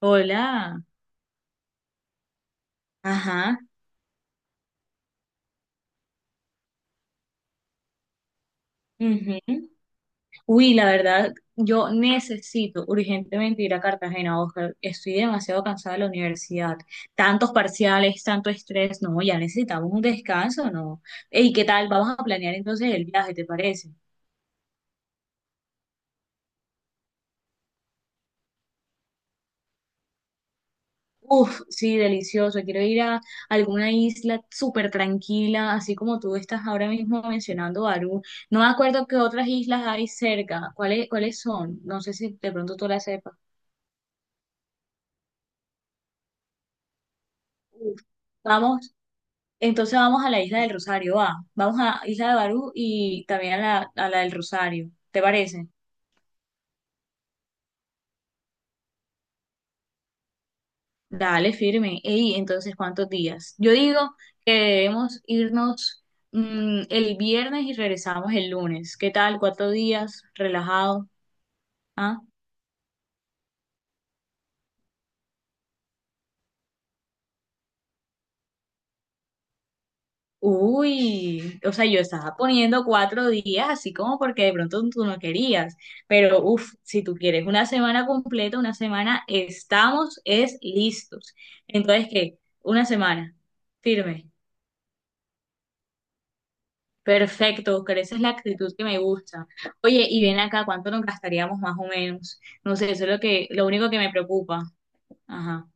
Hola, ajá, ujú. Uy, la verdad, yo necesito urgentemente ir a Cartagena, Oscar. Estoy demasiado cansada de la universidad. Tantos parciales, tanto estrés, no, ya necesitamos un descanso, ¿no? ¿Y qué tal? Vamos a planear entonces el viaje, ¿te parece? Uf, sí, delicioso. Quiero ir a alguna isla súper tranquila, así como tú estás ahora mismo mencionando Barú. No me acuerdo qué otras islas hay cerca. ¿Cuáles son? No sé si de pronto tú las sepas. Uf, vamos. Entonces vamos a la isla del Rosario, va. Vamos a Isla de Barú y también a la del Rosario. ¿Te parece? Dale, firme. Ey, entonces, ¿cuántos días? Yo digo que debemos irnos el viernes y regresamos el lunes. ¿Qué tal? Cuatro días, relajado. ¿Ah? Uy, o sea, yo estaba poniendo cuatro días, así como porque de pronto tú no querías, pero uff, si tú quieres una semana completa, una semana estamos, es listos. Entonces, ¿qué? Una semana, firme, perfecto, Oscar, esa es la actitud que me gusta. Oye, y ven acá, ¿cuánto nos gastaríamos más o menos? No sé, eso es lo que, lo único que me preocupa. Ajá.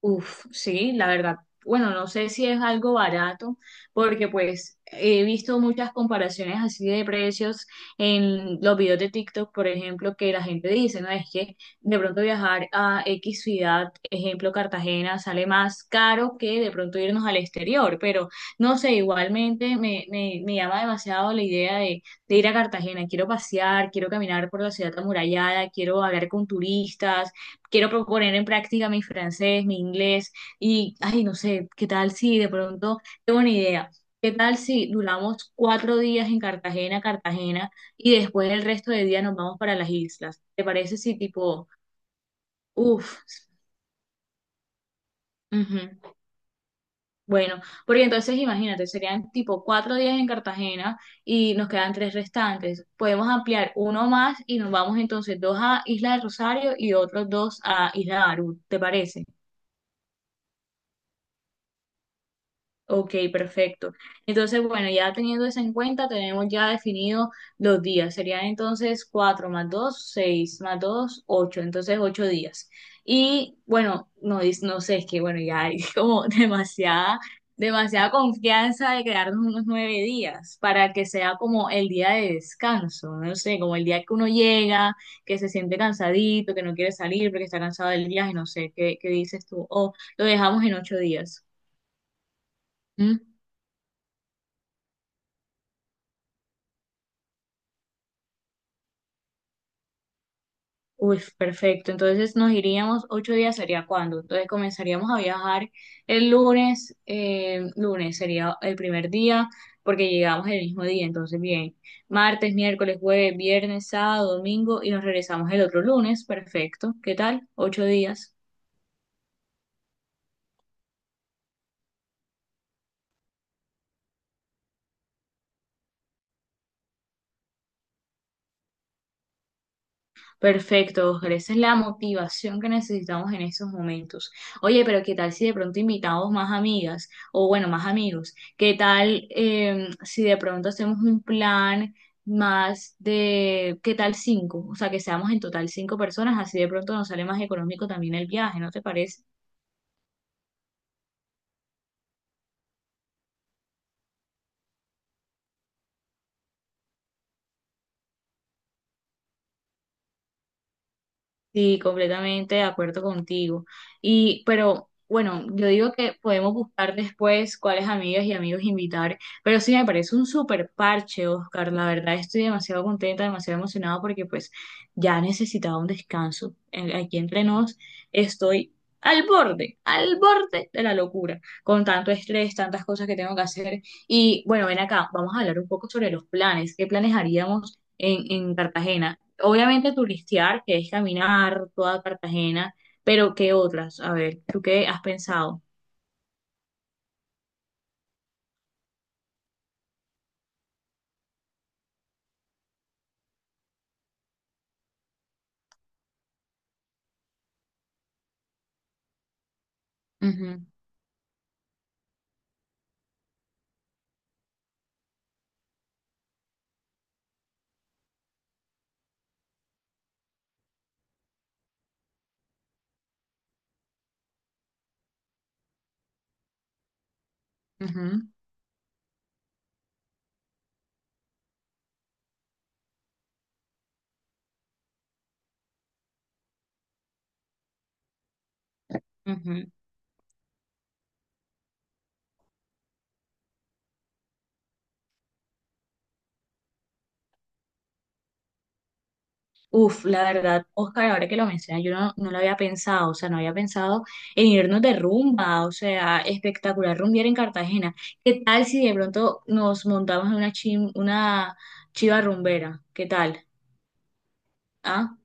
Uf, sí, la verdad. Bueno, no sé si es algo barato, porque pues he visto muchas comparaciones así de precios en los videos de TikTok, por ejemplo, que la gente dice, ¿no? Es que de pronto viajar a X ciudad, ejemplo Cartagena, sale más caro que de pronto irnos al exterior, pero no sé, igualmente me llama demasiado la idea de ir a Cartagena. Quiero pasear, quiero caminar por la ciudad amurallada, quiero hablar con turistas, quiero proponer en práctica mi francés, mi inglés y, ay, no sé, ¿qué tal si de pronto tengo una idea? ¿Qué tal si duramos cuatro días en Cartagena y después el resto de día nos vamos para las islas? ¿Te parece si tipo, uff, bueno, porque entonces imagínate, serían tipo cuatro días en Cartagena y nos quedan tres restantes? Podemos ampliar uno más y nos vamos entonces dos a Isla de Rosario y otros dos a Isla de Barú, ¿te parece? Ok, perfecto. Entonces, bueno, ya teniendo eso en cuenta, tenemos ya definido los días. Serían entonces 4 más 2, 6 más 2, 8. Entonces, 8 días. Y bueno, no, no sé, es que bueno, ya hay como demasiada confianza de quedarnos unos 9 días para que sea como el día de descanso. No sé, como el día que uno llega, que se siente cansadito, que no quiere salir porque está cansado del viaje, no sé, ¿qué dices tú? O lo dejamos en 8 días. ¿Mm? Uy, perfecto. Entonces nos iríamos ocho días, sería cuándo. Entonces comenzaríamos a viajar el lunes. Lunes sería el primer día porque llegamos el mismo día. Entonces bien, martes, miércoles, jueves, viernes, sábado, domingo y nos regresamos el otro lunes. Perfecto. ¿Qué tal? Ocho días. Perfecto, Oscar. Esa es la motivación que necesitamos en estos momentos. Oye, pero ¿qué tal si de pronto invitamos más amigas o bueno, más amigos? ¿Qué tal si de pronto hacemos un plan más de, ¿qué tal cinco? O sea, que seamos en total cinco personas, así de pronto nos sale más económico también el viaje, ¿no te parece? Sí, completamente de acuerdo contigo. Y, pero bueno, yo digo que podemos buscar después cuáles amigas y amigos invitar, pero sí me parece un súper parche, Oscar. La verdad estoy demasiado contenta, demasiado emocionada porque pues ya necesitaba un descanso. Aquí entre nos estoy al borde de la locura, con tanto estrés, tantas cosas que tengo que hacer. Y bueno, ven acá, vamos a hablar un poco sobre los planes. ¿Qué planes haríamos en Cartagena? Obviamente turistear, que es caminar toda Cartagena, pero ¿qué otras? A ver, ¿tú qué has pensado? Ujú, ujú, ujú. Uf, la verdad, Oscar, ahora que lo mencionas, yo no, no lo había pensado, o sea, no había pensado en irnos de rumba, o sea, espectacular rumbear en Cartagena. ¿Qué tal si de pronto nos montamos en una chiva rumbera? ¿Qué tal? ¿Ah?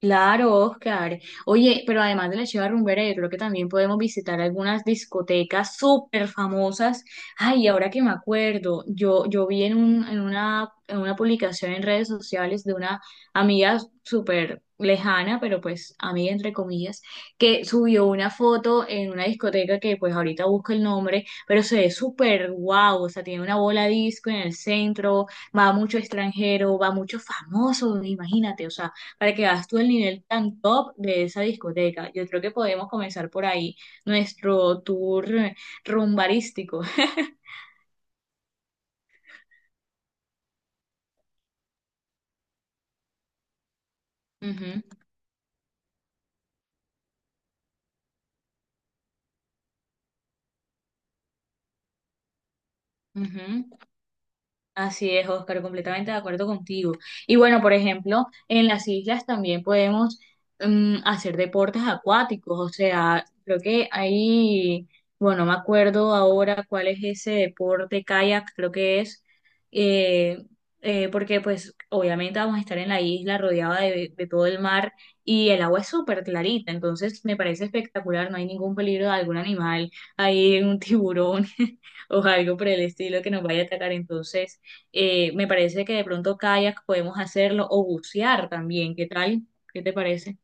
Claro, Oscar. Oye, pero además de la Chiva Rumbera, yo creo que también podemos visitar algunas discotecas súper famosas. Ay, ahora que me acuerdo, yo vi en una publicación en redes sociales de una amiga súper lejana, pero pues amiga entre comillas, que subió una foto en una discoteca que pues ahorita busco el nombre, pero se ve súper guau, o sea, tiene una bola disco en el centro, va mucho extranjero, va mucho famoso, imagínate, o sea, para que hagas tú el nivel tan top de esa discoteca. Yo creo que podemos comenzar por ahí nuestro tour rumbarístico. Ujú, ujú. Así es, Oscar, completamente de acuerdo contigo. Y bueno, por ejemplo, en las islas también podemos hacer deportes acuáticos, o sea, creo que ahí, bueno, no me acuerdo ahora cuál es ese deporte, kayak, creo que es, eh, porque pues obviamente vamos a estar en la isla rodeada de todo el mar y el agua es súper clarita, entonces me parece espectacular, no hay ningún peligro de algún animal, hay un tiburón o algo por el estilo que nos vaya a atacar, entonces... Me parece que de pronto kayak podemos hacerlo o bucear también. ¿Qué tal? ¿Qué te parece?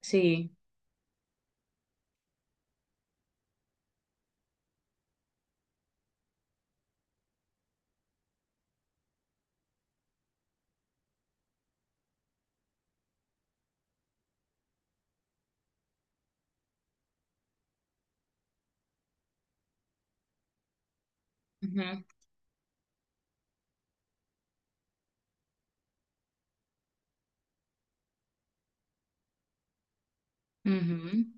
Sí. Ujú, ujú.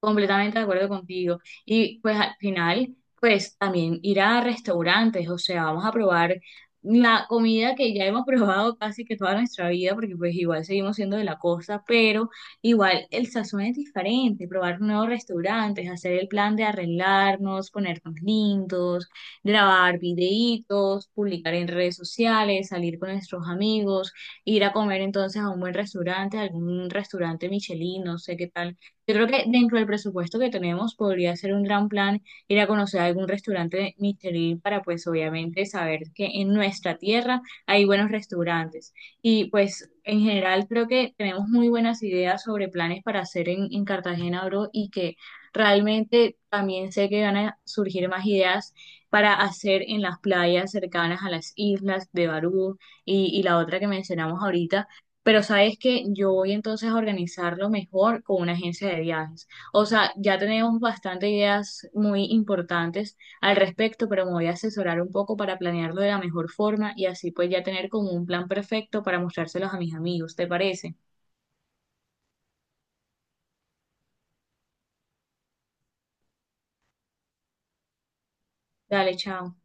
Completamente de acuerdo contigo. Y pues al final, pues también ir a restaurantes, o sea, vamos a probar la comida que ya hemos probado casi que toda nuestra vida, porque pues igual seguimos siendo de la costa, pero igual el sazón es diferente, probar nuevos restaurantes, hacer el plan de arreglarnos, ponernos lindos, grabar videitos, publicar en redes sociales, salir con nuestros amigos, ir a comer entonces a un buen restaurante, algún restaurante Michelin, no sé qué tal, yo creo que dentro del presupuesto que tenemos podría ser un gran plan ir a conocer algún restaurante Michelin para pues obviamente saber que en nuestra tierra hay buenos restaurantes. Y pues en general creo que tenemos muy buenas ideas sobre planes para hacer en Cartagena, bro, y que realmente también sé que van a surgir más ideas para hacer en las playas cercanas a las islas de Barú y la otra que mencionamos ahorita. Pero sabes que yo voy entonces a organizarlo mejor con una agencia de viajes. O sea, ya tenemos bastantes ideas muy importantes al respecto, pero me voy a asesorar un poco para planearlo de la mejor forma y así pues ya tener como un plan perfecto para mostrárselos a mis amigos. ¿Te parece? Dale, chao.